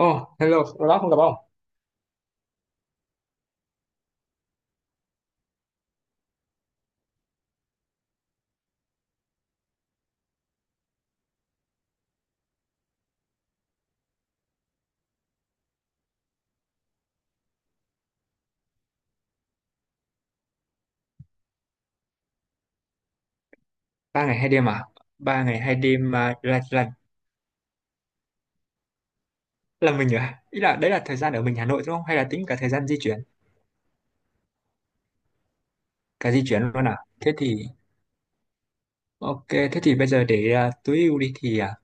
Oh, hello, ở đó không gặp ông. Ba ngày hai đêm à? Ba ngày hai đêm à, là là mình à? Ý là đấy là thời gian ở mình Hà Nội đúng không? Hay là tính cả thời gian di chuyển, cả di chuyển luôn à? Thế thì ok, thế thì bây giờ để tối ưu đi thì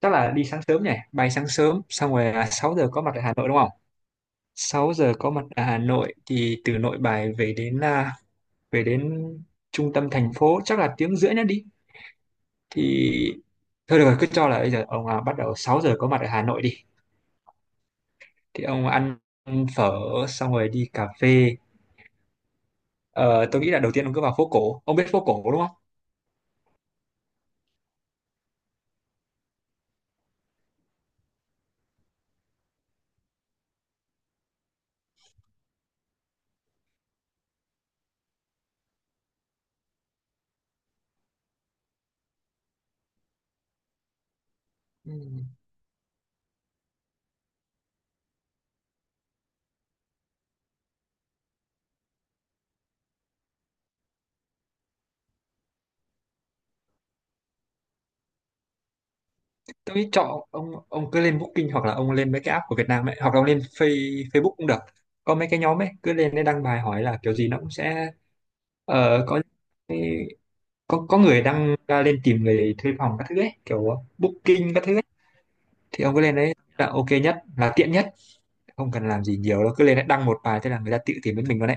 chắc là đi sáng sớm nhỉ? Bay sáng sớm, xong rồi 6 giờ có mặt ở Hà Nội đúng không? 6 giờ có mặt ở Hà Nội thì từ Nội Bài về đến về đến trung tâm thành phố chắc là tiếng rưỡi nữa đi. Thì thôi được rồi, cứ cho là bây giờ ông bắt đầu 6 giờ có mặt ở Hà Nội đi. Thì ông ăn phở xong rồi đi cà phê. Ờ, tôi nghĩ là đầu tiên ông cứ vào phố cổ, ông biết phố cổ đúng không? Ừ. Tôi nghĩ chọn ông cứ lên Booking hoặc là ông lên mấy cái app của Việt Nam ấy, hoặc là ông lên Face, Facebook cũng được. Có mấy cái nhóm ấy, cứ lên đấy đăng bài hỏi là kiểu gì nó cũng sẽ có có người đăng ra lên tìm người thuê phòng các thứ ấy, kiểu Booking các thứ ấy. Thì ông cứ lên đấy là ok nhất, là tiện nhất. Không cần làm gì nhiều đâu, cứ lên đấy đăng một bài, thế là người ta tự tìm đến mình luôn đấy.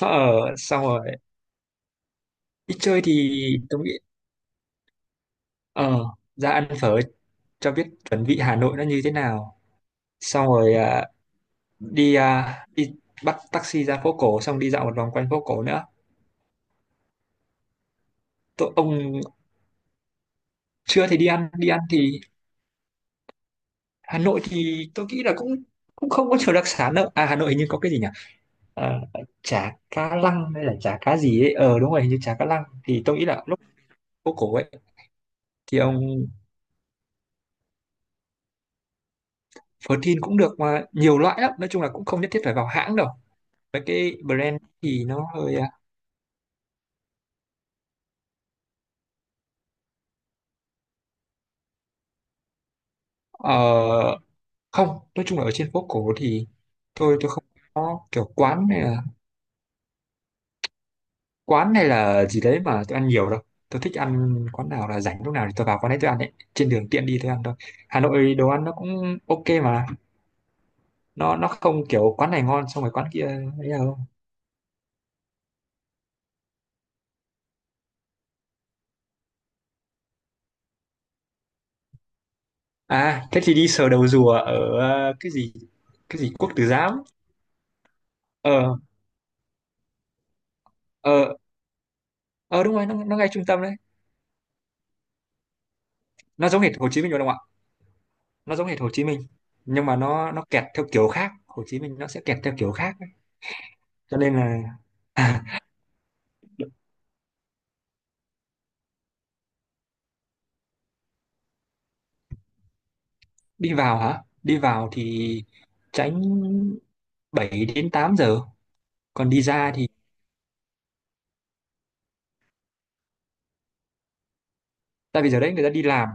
ờ, Xong rồi đi chơi thì tôi nghĩ Ờ, ra ăn phở cho biết chuẩn vị Hà Nội nó như thế nào. Xong rồi đi đi bắt taxi ra phố cổ xong đi dạo một vòng quanh phố cổ nữa. Tôi ông trưa thì đi ăn thì Hà Nội thì tôi nghĩ là cũng cũng không có nhiều đặc sản đâu. À Hà Nội hình như có cái gì nhỉ? Ờ, chả cá lăng hay là chả cá gì ấy. Ờ đúng rồi, hình như chả cá lăng. Thì tôi nghĩ là lúc phố cổ ấy thì ông phở thin cũng được mà nhiều loại lắm. Nói chung là cũng không nhất thiết phải vào hãng đâu. Mấy cái brand thì nó hơi ờ không, nói chung là ở trên phố cổ thì tôi không có kiểu quán này là gì đấy mà tôi ăn nhiều đâu. Tôi thích ăn quán nào là rảnh lúc nào thì tôi vào quán đấy tôi ăn ấy, trên đường tiện đi tôi ăn thôi. Hà Nội đồ ăn nó cũng ok mà, nó không kiểu quán này ngon xong rồi quán kia ấy đâu. À thế thì đi sờ đầu rùa ở cái gì, cái gì Quốc Tử Giám. Ờ ờ ờ đúng rồi, nó ngay trung tâm đấy. Nó giống hệt Hồ Chí Minh rồi đúng không ạ? Nó giống hệt Hồ Chí Minh, nhưng mà nó kẹt theo kiểu khác, Hồ Chí Minh nó sẽ kẹt theo kiểu khác cho nên là à, đi vào hả? Đi vào thì tránh 7 đến 8 giờ, còn đi ra thì tại vì giờ đấy người ta đi làm,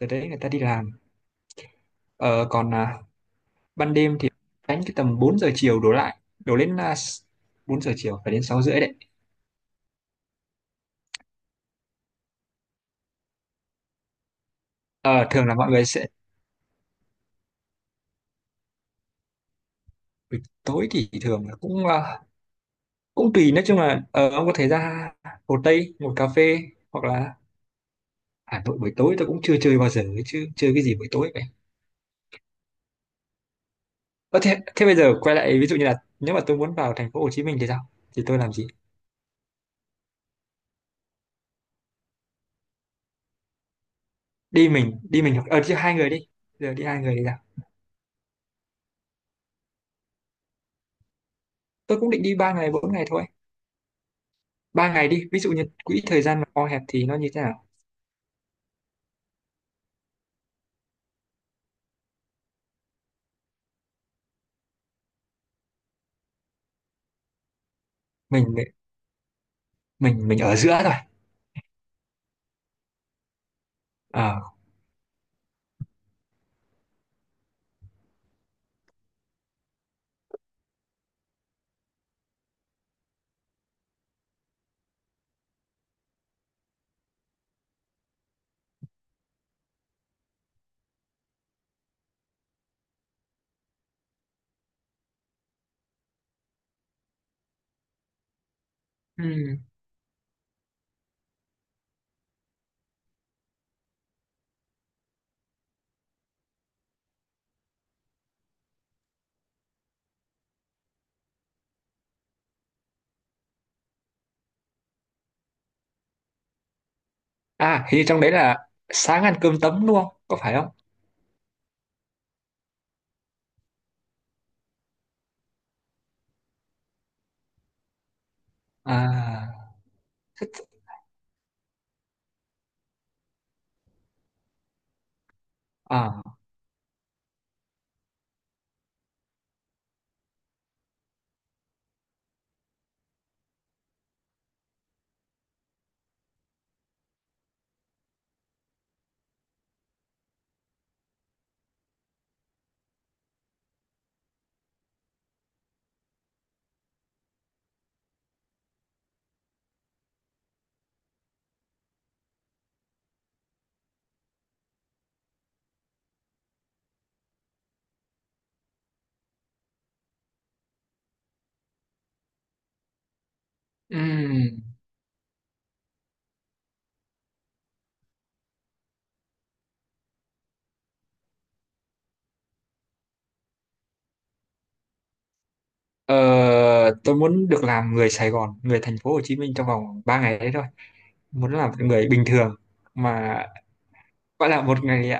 giờ đấy người ta đi làm. Ờ, Còn ban đêm thì tránh cái tầm 4 giờ chiều đổ lại đổ lên 4 giờ chiều phải đến 6 rưỡi đấy. Ờ, thường là mọi người sẽ buổi tối thì thường là cũng cũng tùy, nói chung là ông có thể ra Hồ Tây một cà phê, hoặc là Hà Nội buổi tối tôi cũng chưa chơi bao giờ ấy, chứ chơi cái gì buổi tối. Ơ thế, thế bây giờ quay lại, ví dụ như là nếu mà tôi muốn vào thành phố Hồ Chí Minh thì sao? Thì tôi làm gì? Đi mình hoặc ờ đi hai người đi. Giờ đi hai người thì sao? Tôi cũng định đi ba ngày bốn ngày thôi. Ba ngày đi, ví dụ như quỹ thời gian mà co hẹp thì nó như thế nào? Mình mình ở giữa thôi. Ờ. Ừm. À, hình như trong đấy là sáng ăn cơm tấm đúng không? Có phải không? À, thích- à. Ừm. Ờ, tôi muốn được làm người Sài Gòn, người thành phố Hồ Chí Minh trong vòng 3 ngày đấy thôi. Muốn làm người bình thường mà gọi là một ngày.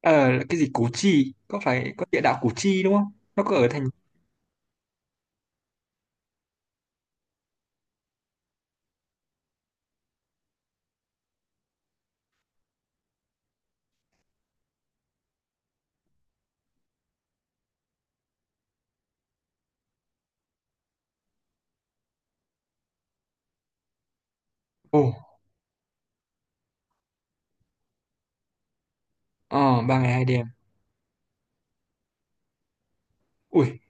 Ờ là cái gì Củ Chi, có phải có địa đạo Củ Chi đúng không, nó có ở thành ồ ờ ba ngày hai đêm ui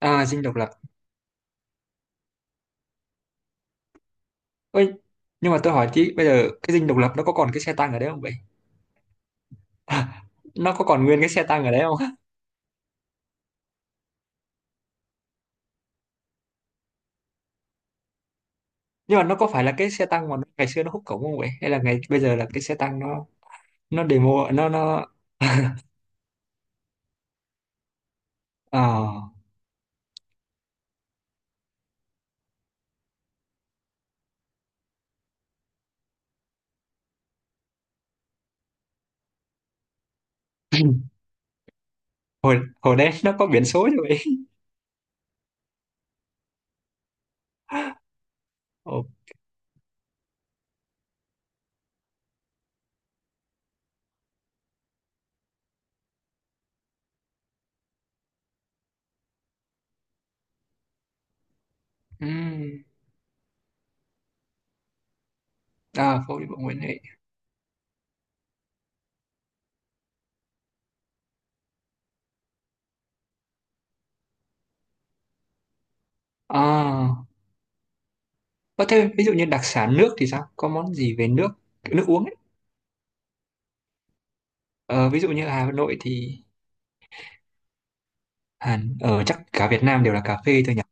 à dinh độc lập ơi, nhưng mà tôi hỏi tí, bây giờ cái dinh độc lập nó có còn cái xe tăng ở đấy không vậy? À, nó có còn nguyên cái xe tăng ở đấy không? Nhưng mà nó có phải là cái xe tăng mà nó- ngày xưa nó húc cổng không vậy, hay là ngày bây giờ là cái xe tăng nó demo nó ờ hồi hồi đấy nó có biển số rồi vậy ồ ừm. À phố đi bộ Nguyễn Huệ. À Ờ, thêm ví dụ như đặc sản nước thì sao? Có món gì về nước, kiểu nước uống ấy? Ờ, ví dụ như Hà Nội thì Hàn ở chắc cả Việt Nam đều là cà phê thôi nhỉ?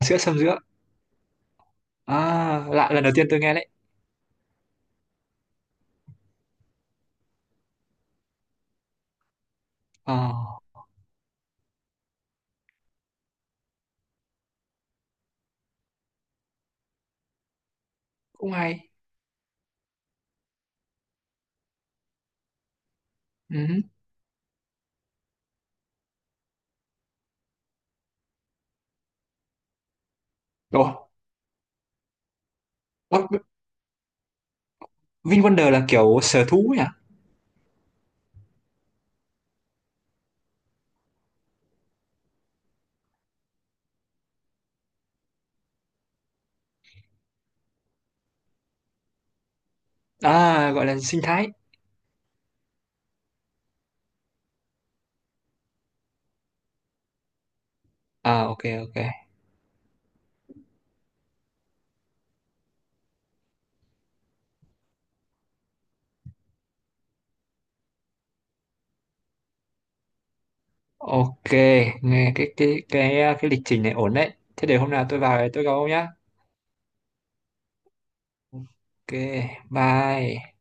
Sữa sâm dứa. À, lạ, lần đầu tiên tôi nghe đấy. Ờ, cũng hay. Ừ. Ồ, ơ, VinWonder là kiểu sở thú nhỉ? À, gọi là sinh thái. À, ok ok. Ok, nghe cái cái lịch trình này ổn đấy. Thế để hôm nào tôi vào tôi gặp ông nhá. Ok, bye.